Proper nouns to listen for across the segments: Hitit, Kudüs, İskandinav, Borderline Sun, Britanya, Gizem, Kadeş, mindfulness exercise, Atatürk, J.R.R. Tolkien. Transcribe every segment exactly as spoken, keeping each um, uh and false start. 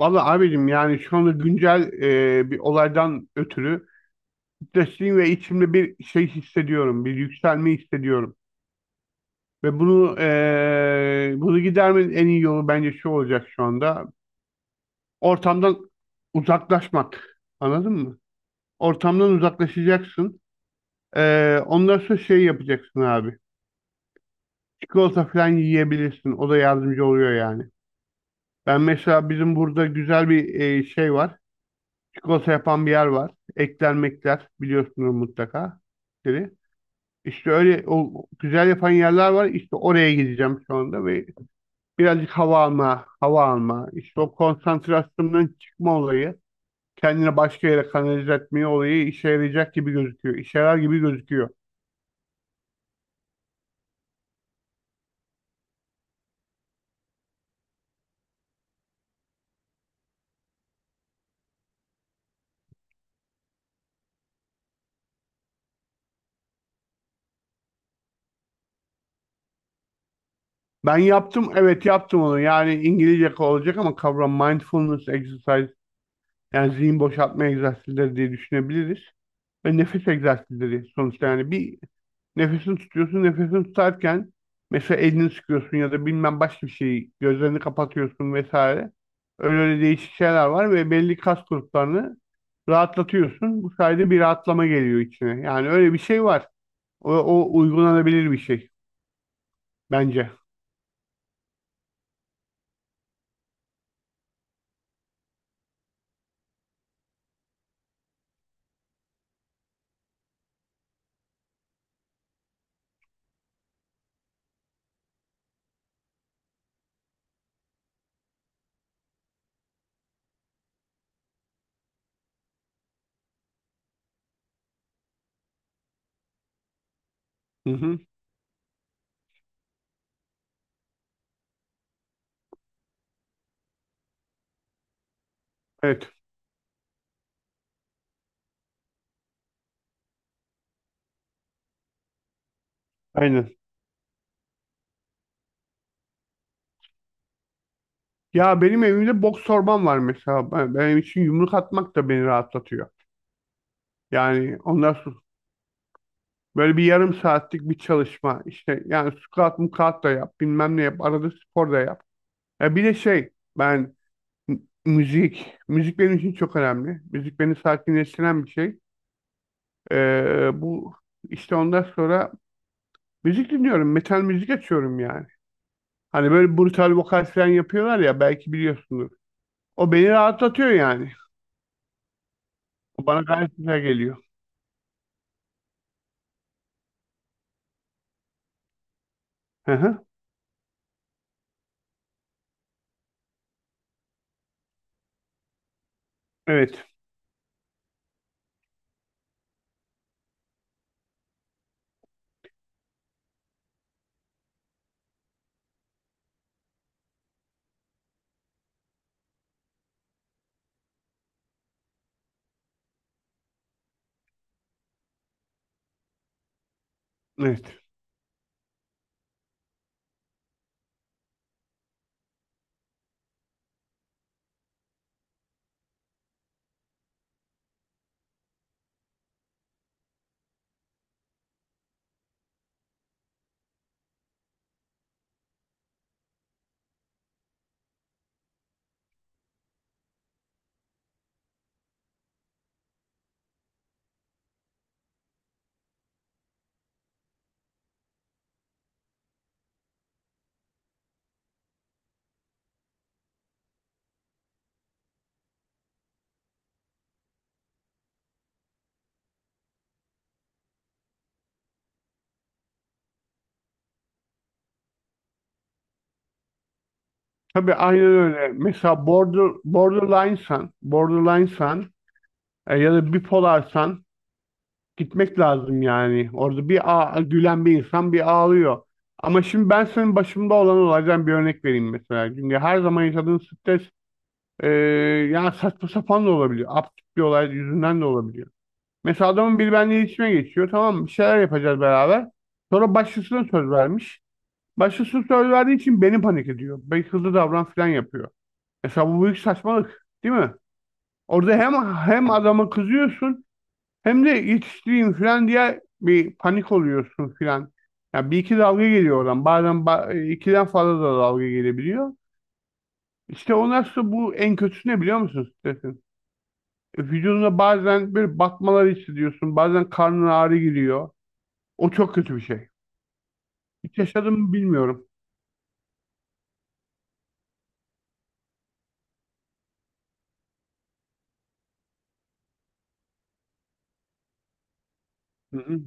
Valla abicim yani şu anda güncel e, bir olaydan ötürü stresliyim ve içimde bir şey hissediyorum. Bir yükselme hissediyorum. Ve bunu e, bunu gidermenin en iyi yolu bence şu olacak şu anda. Ortamdan uzaklaşmak. Anladın mı? Ortamdan uzaklaşacaksın. E, ondan sonra şey yapacaksın abi. Çikolata falan yiyebilirsin. O da yardımcı oluyor yani. Ben mesela bizim burada güzel bir e, şey var. Çikolata yapan bir yer var. Ekler mekler biliyorsunuz mutlaka. Dedi. İşte öyle o güzel yapan yerler var. İşte oraya gideceğim şu anda ve birazcık hava alma, hava alma, İşte o konsantrasyondan çıkma olayı, kendine başka yere kanalize etme olayı işe yarayacak gibi gözüküyor. İşe yarar gibi gözüküyor. Ben yaptım, evet yaptım onu. Yani İngilizce olacak ama kavram mindfulness exercise, yani zihin boşaltma egzersizleri diye düşünebiliriz. Ve nefes egzersizleri sonuçta, yani bir nefesini tutuyorsun. Nefesini tutarken mesela elini sıkıyorsun ya da bilmem başka bir şeyi, gözlerini kapatıyorsun vesaire. Öyle öyle değişik şeyler var ve belli kas gruplarını rahatlatıyorsun. Bu sayede bir rahatlama geliyor içine. Yani öyle bir şey var. O, o uygulanabilir bir şey bence. Hı hı. Evet. Aynen. Ya benim evimde boks torbam var mesela. Ben- Benim için yumruk atmak da beni rahatlatıyor. Yani ondan böyle bir yarım saatlik bir çalışma. İşte yani squat mukat da yap, bilmem ne yap, arada spor da yap. Ya bir de şey, ben m- müzik, müzik benim için çok önemli. Müzik beni sakinleştiren bir şey. Ee, bu işte ondan sonra müzik dinliyorum, metal müzik açıyorum yani. Hani böyle brutal vokal falan yapıyorlar ya, belki biliyorsunuz. O beni rahatlatıyor yani. O bana gayet güzel geliyor. Hı hı. Evet, evet. Tabii aynen öyle. Mesela Border, Borderline Sun, Borderline Sun E, ya da bipolarsan gitmek lazım yani. Orada bir ağ- gülen bir insan bir ağlıyor. Ama şimdi ben senin başımda olan olaydan bir örnek vereyim mesela. Çünkü her zaman yaşadığın stres e, yani saçma sapan da olabiliyor. Absürt bir olay yüzünden de olabiliyor. Mesela adamın biri benimle iletişime geçiyor. Tamam mı? Bir şeyler yapacağız beraber. Sonra başkasına söz vermiş. Başkası söz verdiği için beni panik ediyor. Beni hızlı davran falan yapıyor. Mesela bu büyük saçmalık, değil mi? Orada hem hem adama kızıyorsun, hem de yetiştireyim falan diye bir panik oluyorsun falan. Ya bir iki dalga geliyor oradan. Bazen ba- e, ikiden fazla da dalga gelebiliyor. İşte o nasıl, bu en kötüsü ne biliyor musun stresin? E, Vücudunda bazen böyle batmalar hissediyorsun. Bazen karnın ağrı giriyor. O çok kötü bir şey. Hiç yaşadım mı bilmiyorum. Hı hı.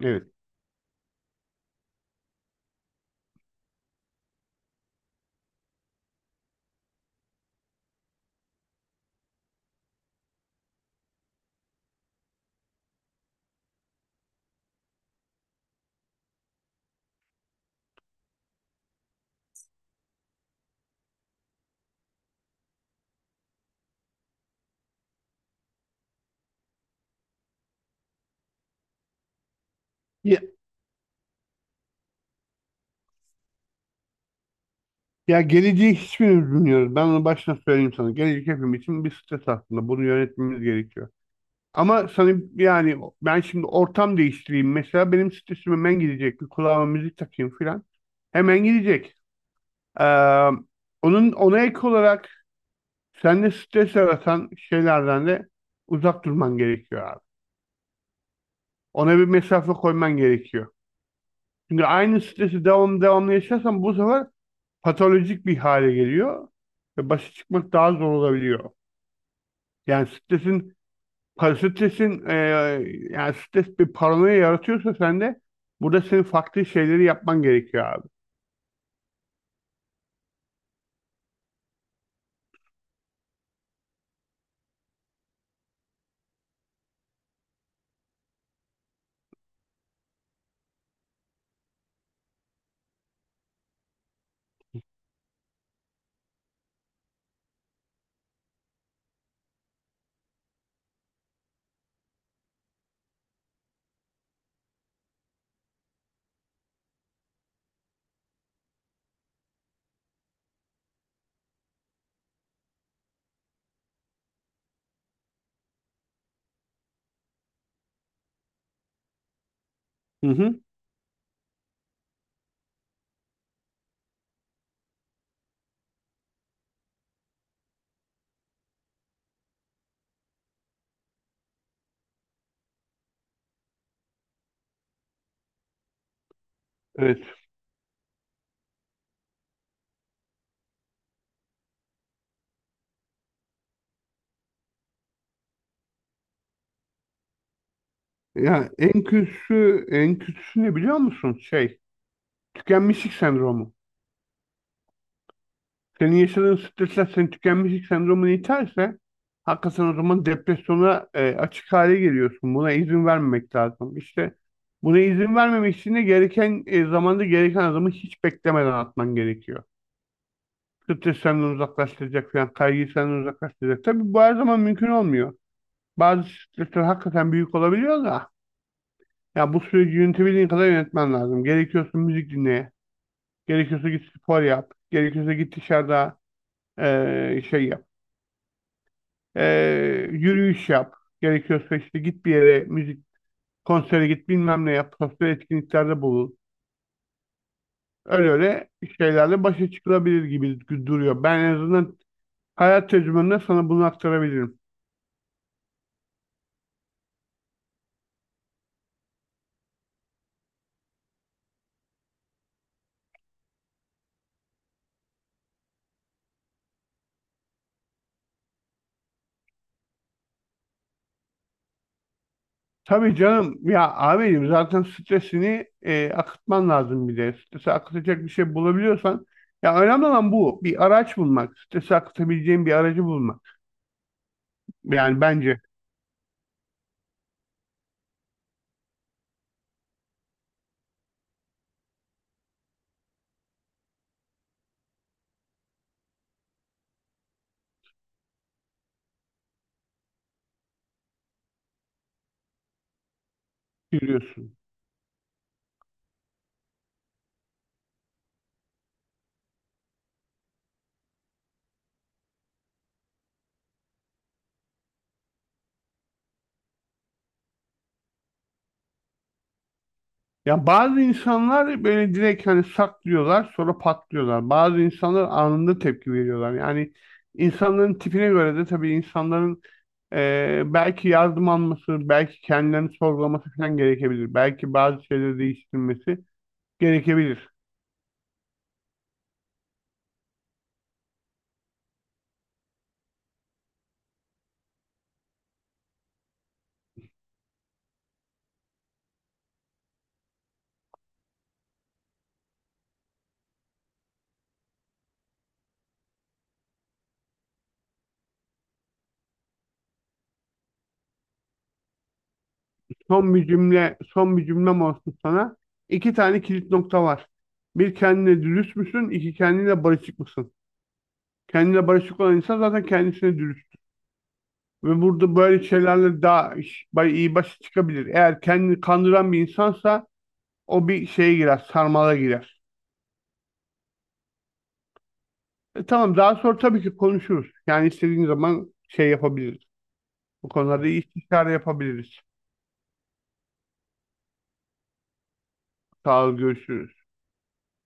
Evet. Ya, ya geleceği hiçbirimiz bilmiyoruz. Ben onu baştan söyleyeyim sana. Gelecek hepimiz için bir stres aslında. Bunu yönetmemiz gerekiyor. Ama sana yani, ben şimdi ortam değiştireyim. Mesela benim stresim hemen gidecek. Bir kulağıma müzik takayım filan. Hemen gidecek. Ee, Onun ona ek olarak sende stres yaratan şeylerden de uzak durman gerekiyor abi. Ona bir mesafe koyman gerekiyor. Çünkü aynı stresi devam devamlı yaşarsan bu sefer patolojik bir hale geliyor ve başa çıkmak daha zor olabiliyor. Yani stresin Stresin e, yani stres bir paranoya yaratıyorsa sende, burada senin farklı şeyleri yapman gerekiyor abi. Hı hı. Evet. Ya en kötüsü en kötüsü ne biliyor musun? Şey, tükenmişlik sendromu. Senin yaşadığın stresler senin tükenmişlik sendromunu iterse hakikaten o zaman depresyona e, açık hale geliyorsun. Buna izin vermemek lazım. İşte buna izin vermemek için de gereken e, zamanda gereken adımı hiç beklemeden atman gerekiyor. Stres senden uzaklaştıracak falan, kaygıyı senden uzaklaştıracak. Tabii bu her zaman mümkün olmuyor. Bazı stresler hakikaten büyük olabiliyor da, ya bu süreci yönetebildiğin kadar yönetmen lazım. Gerekiyorsa müzik dinle, gerekiyorsa git spor yap, gerekiyorsa git dışarıda eee, şey yap, Eee, yürüyüş yap, gerekiyorsa işte git bir yere, müzik, konsere git, bilmem ne yap, sosyal etkinliklerde bulun. Öyle öyle şeylerle başa çıkılabilir gibi duruyor. Ben en azından hayat tecrübemle sana bunu aktarabilirim. Tabii canım ya abicim, zaten stresini e, akıtman lazım bir de. Stresi akıtacak bir şey bulabiliyorsan, ya önemli olan bu. Bir araç bulmak. Stresi akıtabileceğin bir aracı bulmak. Yani bence biliyorsun. Ya bazı insanlar böyle direkt hani saklıyorlar, sonra patlıyorlar. Bazı insanlar anında tepki veriyorlar. Yani insanların tipine göre de tabii, insanların e, belki yardım alması, belki kendilerini sorgulaması falan gerekebilir. Belki bazı şeyleri değiştirmesi gerekebilir. Son bir cümle, son bir cümlem olsun sana. İki tane kilit nokta var. Bir, kendine dürüst müsün? İki, kendine barışık mısın? Kendine barışık olan insan zaten kendisine dürüst. Ve burada böyle şeylerle daha iş- bay- iyi başa çıkabilir. Eğer kendini kandıran bir insansa o bir şeye girer, sarmala girer. E, tamam, daha sonra tabii ki konuşuruz. Yani istediğin zaman şey yapabiliriz. Bu konularda iyi istişare yapabiliriz. Sağ ol, görüşürüz.